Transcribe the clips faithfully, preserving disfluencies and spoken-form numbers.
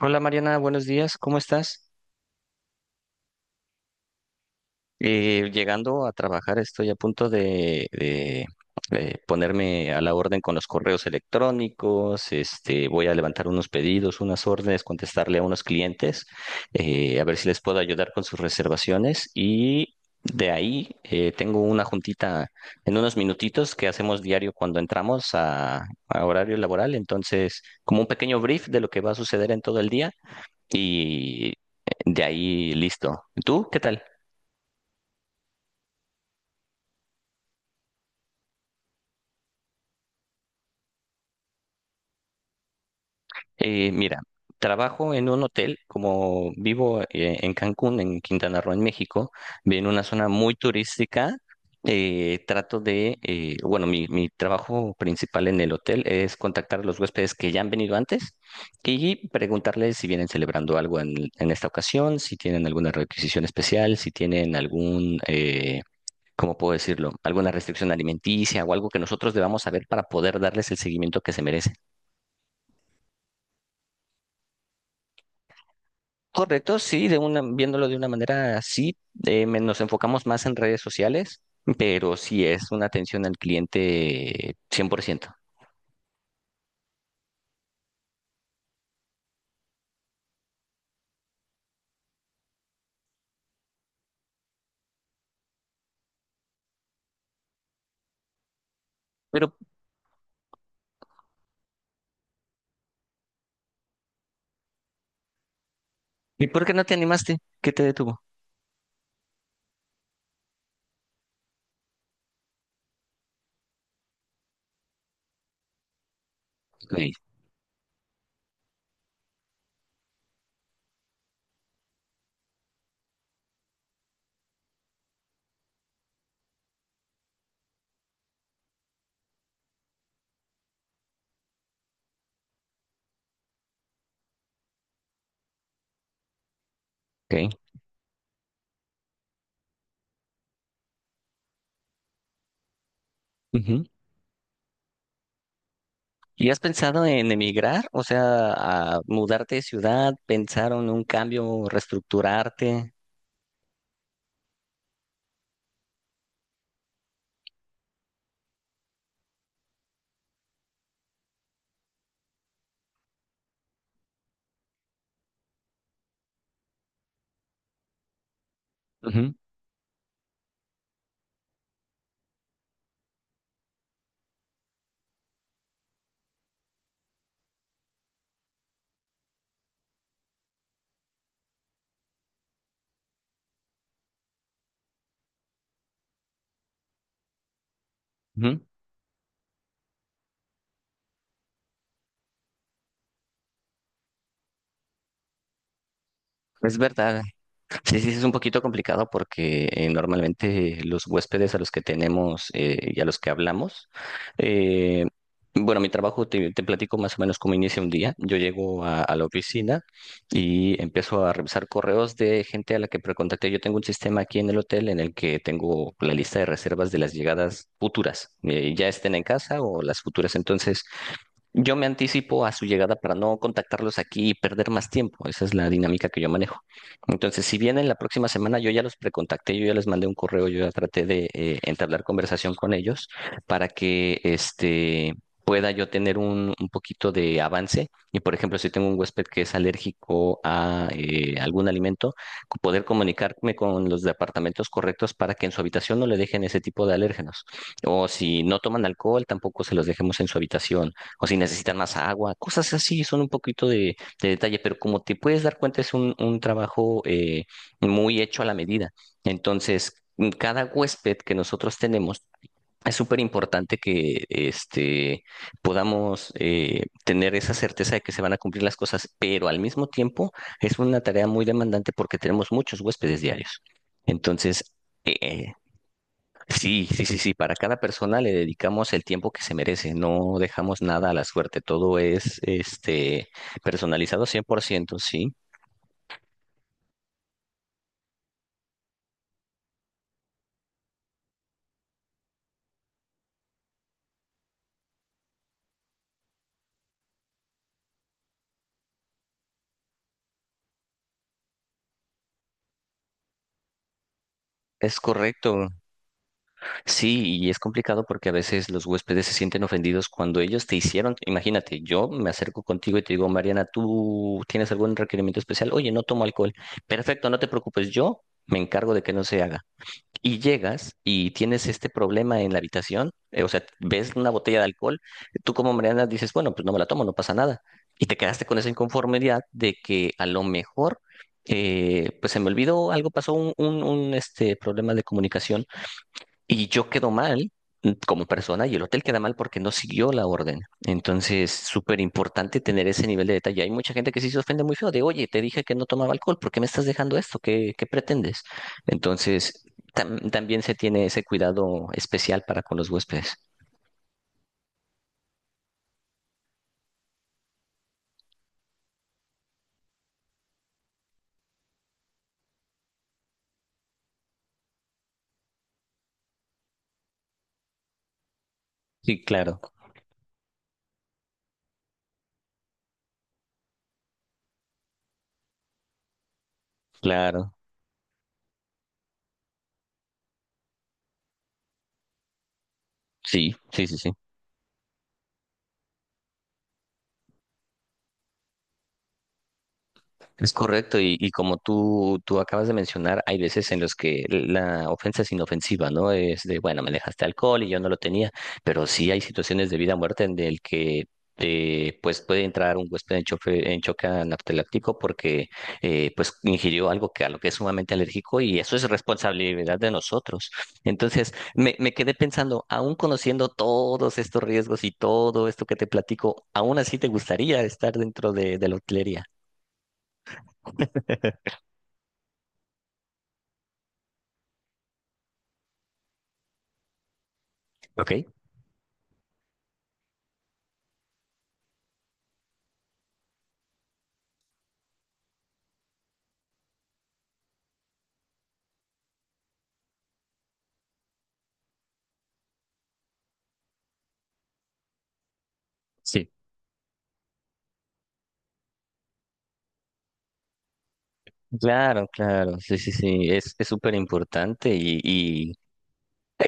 Hola Mariana, buenos días, ¿cómo estás? Eh, llegando a trabajar, estoy a punto de, de, eh, ponerme a la orden con los correos electrónicos, este, voy a levantar unos pedidos, unas órdenes, contestarle a unos clientes, eh, a ver si les puedo ayudar con sus reservaciones y de ahí eh, tengo una juntita en unos minutitos que hacemos diario cuando entramos a, a horario laboral, entonces como un pequeño brief de lo que va a suceder en todo el día. y eh, de ahí listo. ¿Tú qué tal? Eh, mira, trabajo en un hotel, como vivo eh, en Cancún, en Quintana Roo, en México, en una zona muy turística. Eh, trato de, eh, bueno, mi, mi trabajo principal en el hotel es contactar a los huéspedes que ya han venido antes y preguntarles si vienen celebrando algo en, en esta ocasión, si tienen alguna requisición especial, si tienen algún, eh, ¿cómo puedo decirlo? Alguna restricción alimenticia o algo que nosotros debamos saber para poder darles el seguimiento que se merecen. Correcto, sí, de una, viéndolo de una manera así, eh, me- nos enfocamos más en redes sociales, pero sí es una atención al cliente cien por ciento. Pero, ¿y por qué no te animaste? ¿Qué te detuvo? Ok, ok. Ujú. ¿Y has pensado en emigrar? O sea, a mudarte de ciudad, pensar en un cambio, reestructurarte. Ujú, ujú. Es verdad. Sí, sí, sí, es un poquito complicado porque eh, normalmente los huéspedes a los que tenemos eh, y a los que hablamos, eh, bueno, mi trabajo te, te platico más o menos cómo inicia un día. Yo llego a, a la oficina y empiezo a revisar correos de gente a la que precontacté. Yo tengo un sistema aquí en el hotel en el que tengo la lista de reservas de las llegadas futuras, eh, ya estén en casa o las futuras. Entonces, yo me anticipo a su llegada para no contactarlos aquí y perder más tiempo. Esa es la dinámica que yo manejo. Entonces, si vienen la próxima semana, yo ya los precontacté, yo ya les mandé un correo, yo ya traté de eh, entablar conversación con ellos para que este pueda yo tener un, un poquito de avance. Y por ejemplo, si tengo un huésped que es alérgico a eh, algún alimento, poder comunicarme con los departamentos correctos para que en su habitación no le dejen ese tipo de alérgenos. O si no toman alcohol, tampoco se los dejemos en su habitación o si necesitan más agua, cosas así, son un poquito de, de detalle, pero como te puedes dar cuenta, es un, un trabajo eh, muy hecho a la medida. Entonces, mm, cada huésped que nosotros tenemos, es súper importante que este, podamos eh, tener esa certeza de que se van a cumplir las cosas, pero al mismo tiempo es una tarea muy demandante porque tenemos muchos huéspedes diarios. Entonces, eh, sí, sí, sí, sí. Para cada persona le dedicamos el tiempo que se merece. No dejamos nada a la suerte. Todo es este personalizado cien por ciento. Sí. Es correcto. Sí, y es complicado porque a veces los huéspedes se sienten ofendidos cuando ellos te hicieron. Imagínate, yo me acerco contigo y te digo, Mariana, ¿tú tienes algún requerimiento especial? Oye, no tomo alcohol. Perfecto, no te preocupes. Yo me encargo de que no se haga. Y llegas y tienes este problema en la habitación, eh, o sea, ves una botella de alcohol, tú como Mariana dices, bueno, pues no me la tomo, no pasa nada. Y te quedaste con esa inconformidad de que a lo mejor, eh, pues se me olvidó, algo pasó, un, un, un, este, problema de comunicación y yo quedo mal mm, como persona y el hotel queda mal porque no siguió la orden. Entonces, súper importante tener ese nivel de detalle. Hay mucha gente que sí se ofende muy feo de, oye, te dije que no tomaba alcohol, ¿por qué me estás dejando esto? ¿Qué, qué pretendes? Entonces, tam- también se tiene ese cuidado especial para con los huéspedes. Sí, claro, claro. Sí, sí, sí, sí. Es correcto, y, y como tú, tú acabas de mencionar, hay veces en los que la ofensa es inofensiva, ¿no? Es de, bueno, me dejaste alcohol y yo no lo tenía, pero sí hay situaciones de vida o muerte en el que eh, pues puede entrar un huésped en, chofe- en choque anafiláctico porque eh, pues ingirió algo que a lo que es sumamente alérgico y eso es responsabilidad de nosotros. Entonces, me, me quedé pensando, aún conociendo todos estos riesgos y todo esto que te platico, aún así te gustaría estar dentro de, de la hotelería, ¿ok? Sí, claro, claro, sí, sí, sí, es es súper importante y, y,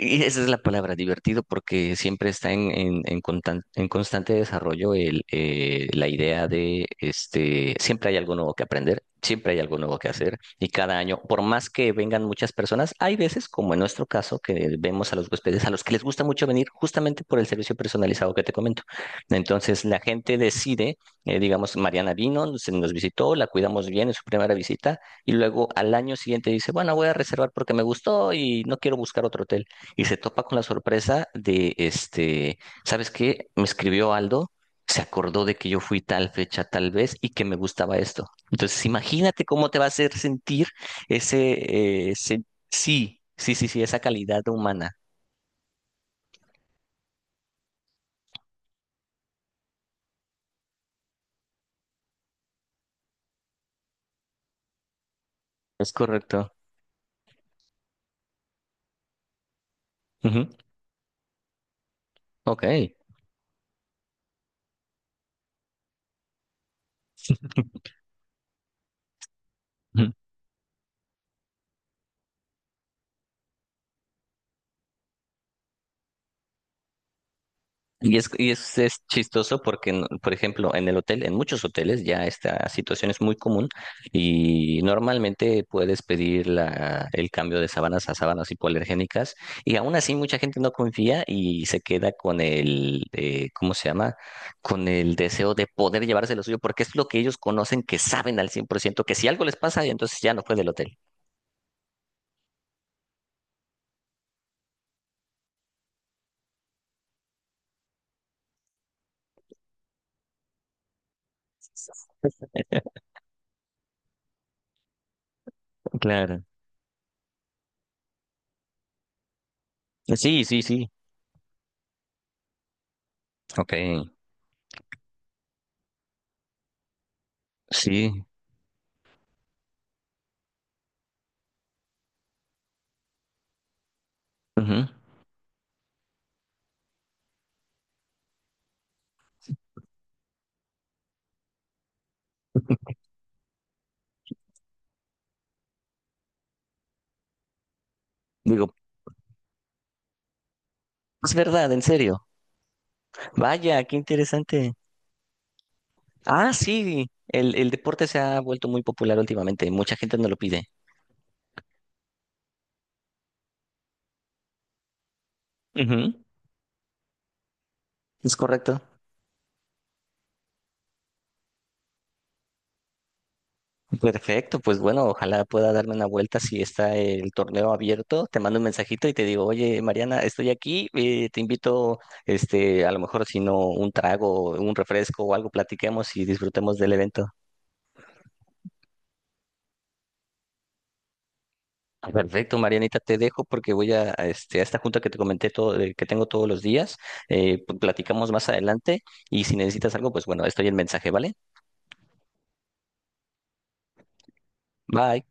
Y esa es la palabra, divertido, porque siempre está en, en, en, contan- en constante desarrollo el, eh, la idea de, este, siempre hay algo nuevo que aprender, siempre hay algo nuevo que hacer, y cada año, por más que vengan muchas personas, hay veces, como en nuestro caso, que vemos a los huéspedes a los que les gusta mucho venir justamente por el servicio personalizado que te comento. Entonces, la gente decide, eh, digamos, Mariana vino, nos, nos visitó, la cuidamos bien en su primera visita, y luego al año siguiente dice, bueno, voy a reservar porque me gustó y no quiero buscar otro hotel y se topa con la sorpresa de, este, ¿sabes qué? Me escribió Aldo, se acordó de que yo fui tal fecha, tal vez, y que me gustaba esto. Entonces, imagínate cómo te va a hacer sentir ese, eh, ese- sí, sí, sí, sí, esa calidad humana. Es correcto. Ujú. Ok. Y es, y es, es chistoso porque, no- por ejemplo, en el hotel, en muchos hoteles ya esta situación es muy común y normalmente puedes pedir la, el cambio de sábanas a sábanas hipoalergénicas y aún así mucha gente no confía y se queda con el, eh, ¿cómo se llama? Con el deseo de poder llevarse lo suyo porque es lo que ellos conocen, que saben al cien por ciento que si algo les pasa, entonces ya no fue del hotel. Claro. Sí, sí, sí. Ok. Sí. Ujú. Digo, es verdad, en serio. Vaya, qué interesante. Ah, sí, el, el deporte se ha vuelto muy popular últimamente. Mucha gente no lo pide. Ujú, es correcto. Perfecto, pues bueno, ojalá pueda darme una vuelta si está el torneo abierto. Te mando un mensajito y te digo, oye, Mariana, estoy aquí, eh, te invito, este, a lo mejor si no un trago, un refresco o algo, platiquemos y disfrutemos del evento. Ah, perfecto, Marianita, te dejo porque voy a, a este, a esta junta que te comenté todo, de- que tengo todos los días. Eh, pl- platicamos más adelante y si necesitas algo, pues bueno, estoy en mensaje, ¿vale? Bye.